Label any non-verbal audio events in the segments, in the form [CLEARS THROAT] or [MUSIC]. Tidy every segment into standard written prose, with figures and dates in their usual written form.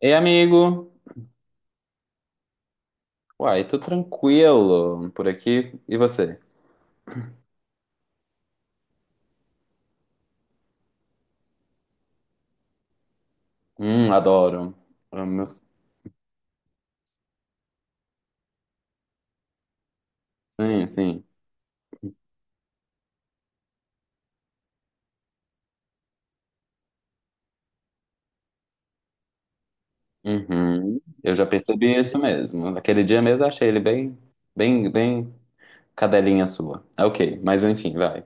Ei, amigo! Uai, tô tranquilo por aqui. E você? Adoro. Amo meus- Sim, sim. Uhum. Eu já percebi isso mesmo. Naquele dia mesmo eu achei ele bem, bem, bem cadelinha sua. É ok, mas enfim, vai.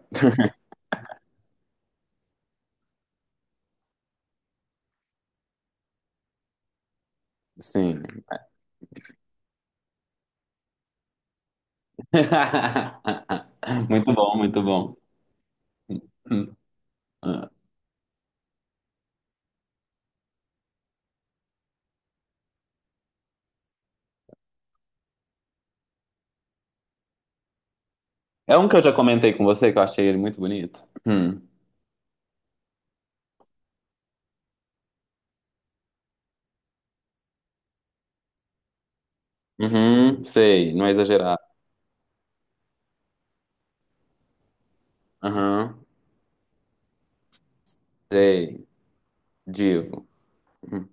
Sim. [LAUGHS] Muito bom, muito bom. Hum, hum. É um que eu já comentei com você que eu achei ele muito bonito. Hum. Uhum, sei, não é exagerado. Aham, sei, divo. Hum.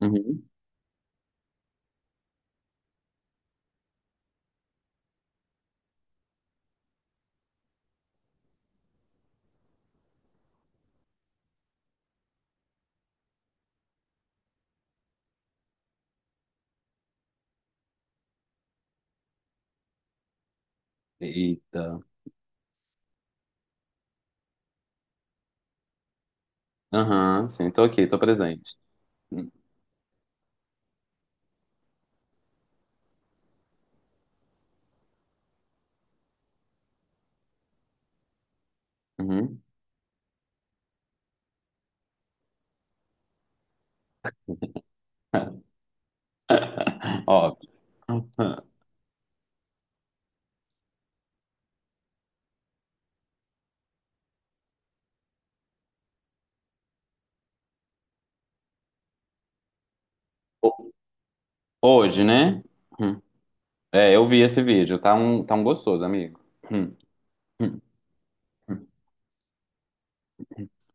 Uhum. Eita. Aham, sim, tô aqui, tô presente. Uhum. [LAUGHS] Ó, hoje, né? Hum. É, eu vi esse vídeo, tá um gostoso, amigo. Hum, hum, hum.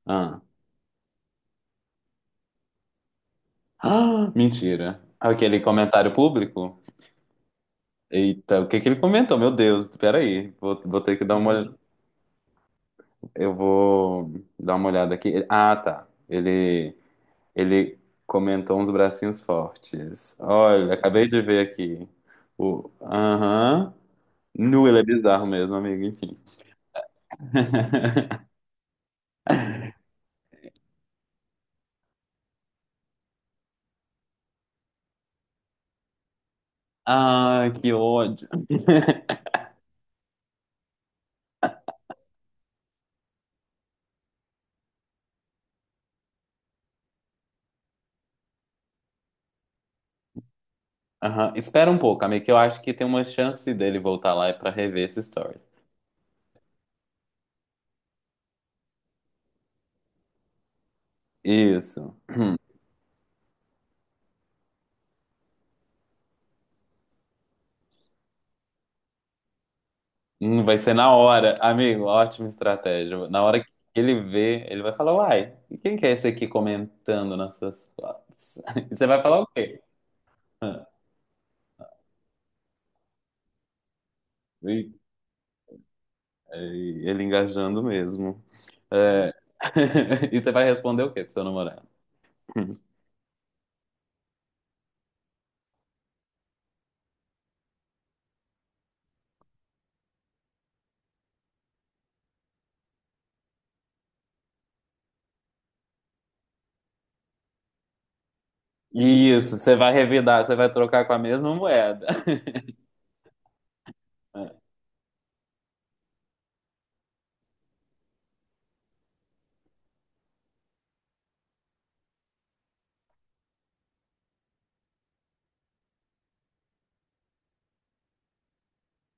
Ah. [GASPS] Ah, mentira. Aquele comentário público? Eita, o que que ele comentou? Meu Deus, peraí, vou ter que dar uma olhada. Eu vou dar uma olhada aqui. Ah, tá. Ele comentou uns bracinhos fortes. Olha, acabei de ver aqui. O, aham. Nu, ele é bizarro mesmo, amigo, enfim. [LAUGHS] Ai, que ódio. [LAUGHS] Aham, espera um pouco, amigo, que eu acho que tem uma chance dele voltar lá pra rever essa história. Isso. [CLEARS THROAT] Vai ser na hora, amigo, ótima estratégia. Na hora que ele vê, ele vai falar, uai, e quem que é esse aqui comentando nessas fotos? [LAUGHS] E você vai falar o quê? Ah, e- ele engajando mesmo. É. [LAUGHS] E você vai responder o quê pro seu namorado? Isso, você vai revidar, você vai trocar com a mesma moeda. [LAUGHS] É,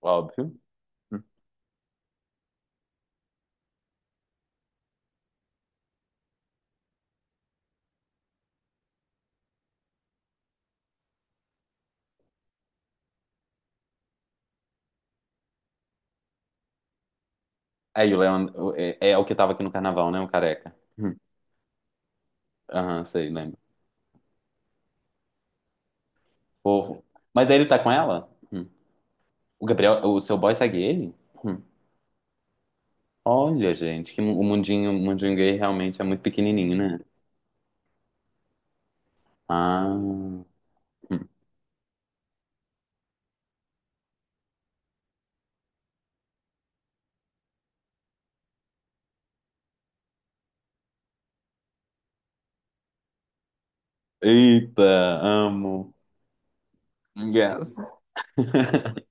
óbvio. Aí o Leandro é o que tava aqui no carnaval, né? O careca. Hum. Aham, sei, lembro. Fofo. Mas aí ele tá com ela? Hum. O Gabriel, o seu boy segue ele? Hum. Olha, gente, que o mundinho gay realmente é muito pequenininho, né? Ah. Hum. Eita, amo. Yes. [LAUGHS]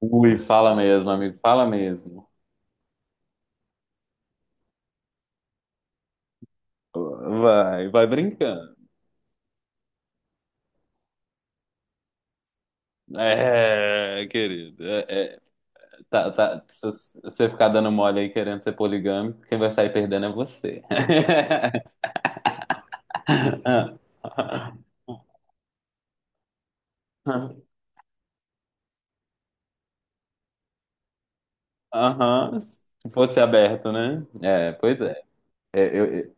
Ui, fala mesmo, amigo, fala mesmo. Vai, vai brincando. É, querido. Tá, tá, se você ficar dando mole aí querendo ser poligâmico, quem vai sair perdendo é você. [LAUGHS] Aham, se fosse aberto, né? É, pois é. É, eu, eu-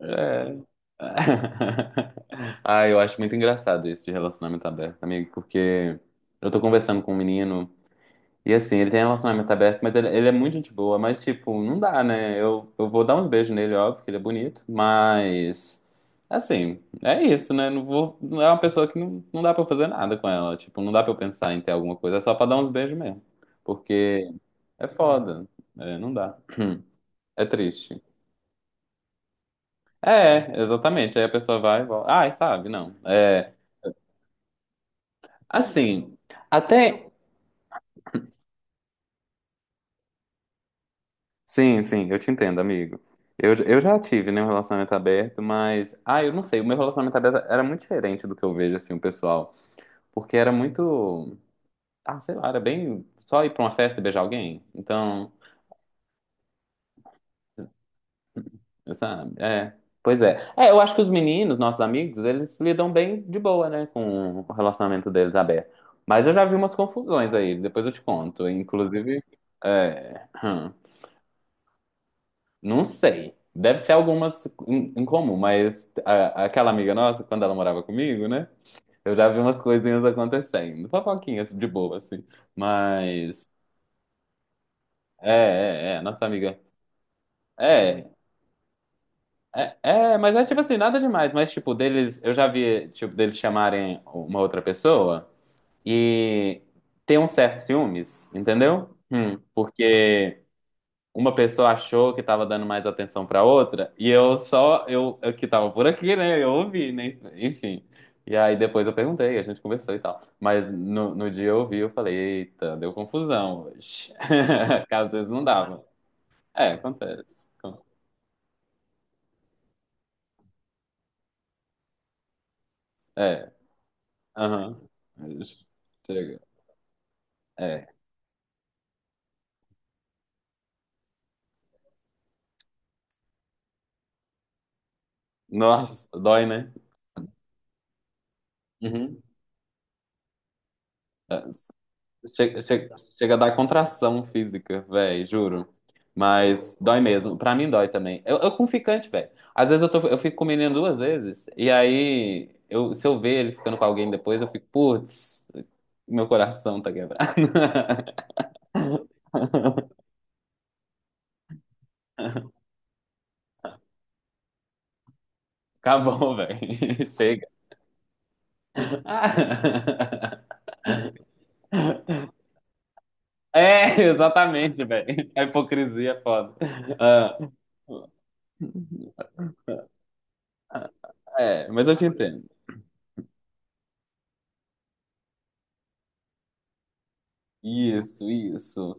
é. [LAUGHS] Ah, eu acho muito engraçado isso de relacionamento aberto, amigo, porque eu tô conversando com um menino. E assim, ele tem relacionamento aberto, mas ele é muito gente boa, mas tipo, não dá, né? Eu vou dar uns beijos nele, óbvio, que ele é bonito, mas assim, é isso, né? Não vou, não é uma pessoa que não, não dá pra eu fazer nada com ela, tipo, não dá pra eu pensar em ter alguma coisa, é só pra dar uns beijos mesmo, porque é foda, é, não dá, é triste. É, exatamente, aí a pessoa vai e volta, ai, sabe, não, é, assim, até sim, sim, eu te entendo, amigo. Eu já tive, né, um relacionamento aberto, mas. Ah, eu não sei, o meu relacionamento aberto era muito diferente do que eu vejo, assim, o pessoal. Porque era muito. Ah, sei lá, era bem. Só ir pra uma festa e beijar alguém. Então, sabe? É. Pois é. É, eu acho que os meninos, nossos amigos, eles lidam bem de boa, né, com o relacionamento deles aberto. Mas eu já vi umas confusões aí, depois eu te conto. Inclusive. É. Hum. Não sei. Deve ser algumas em comum, mas aquela amiga nossa, quando ela morava comigo, né? Eu já vi umas coisinhas acontecendo. Fofoquinhas de boa, assim. Mas. É, é, é. Nossa amiga. É, é, é, mas é tipo assim, nada demais. Mas, tipo, deles. Eu já vi, tipo, deles chamarem uma outra pessoa e ter um certo ciúmes, entendeu? Porque. Uma pessoa achou que estava dando mais atenção para outra e eu só eu que estava por aqui, né? Eu ouvi, né? Enfim. E aí depois eu perguntei, a gente conversou e tal. Mas no dia eu ouvi, eu falei, eita, deu confusão hoje. [LAUGHS] Que às vezes não dava. É, acontece. É, aham. Chega. É. Nossa, dói, né? Uhum. É, chega, chega, chega a dar contração física, velho, juro. Mas dói mesmo. Pra mim dói também. Eu com ficante, velho. Às vezes eu fico com o menino duas vezes, e aí eu, se eu ver ele ficando com alguém depois, eu fico, putz, meu coração tá quebrado. [LAUGHS] Acabou, velho. [LAUGHS] Chega. Ah. É, exatamente, velho. A hipocrisia é foda. Ah, é, mas eu te entendo. Isso, isso.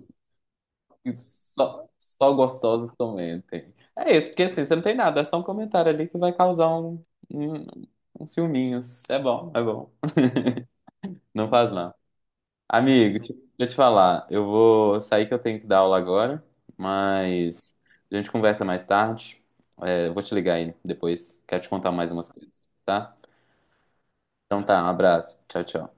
E só, só gostosos comentem. É isso, porque assim, você não tem nada, é só um comentário ali que vai causar um, um ciúminho. É bom, é bom. [LAUGHS] Não faz mal. Amigo, deixa eu te falar, eu vou sair que eu tenho que dar aula agora, mas a gente conversa mais tarde. É, eu vou te ligar aí depois, quero te contar mais umas coisas, tá? Então tá, um abraço. Tchau, tchau.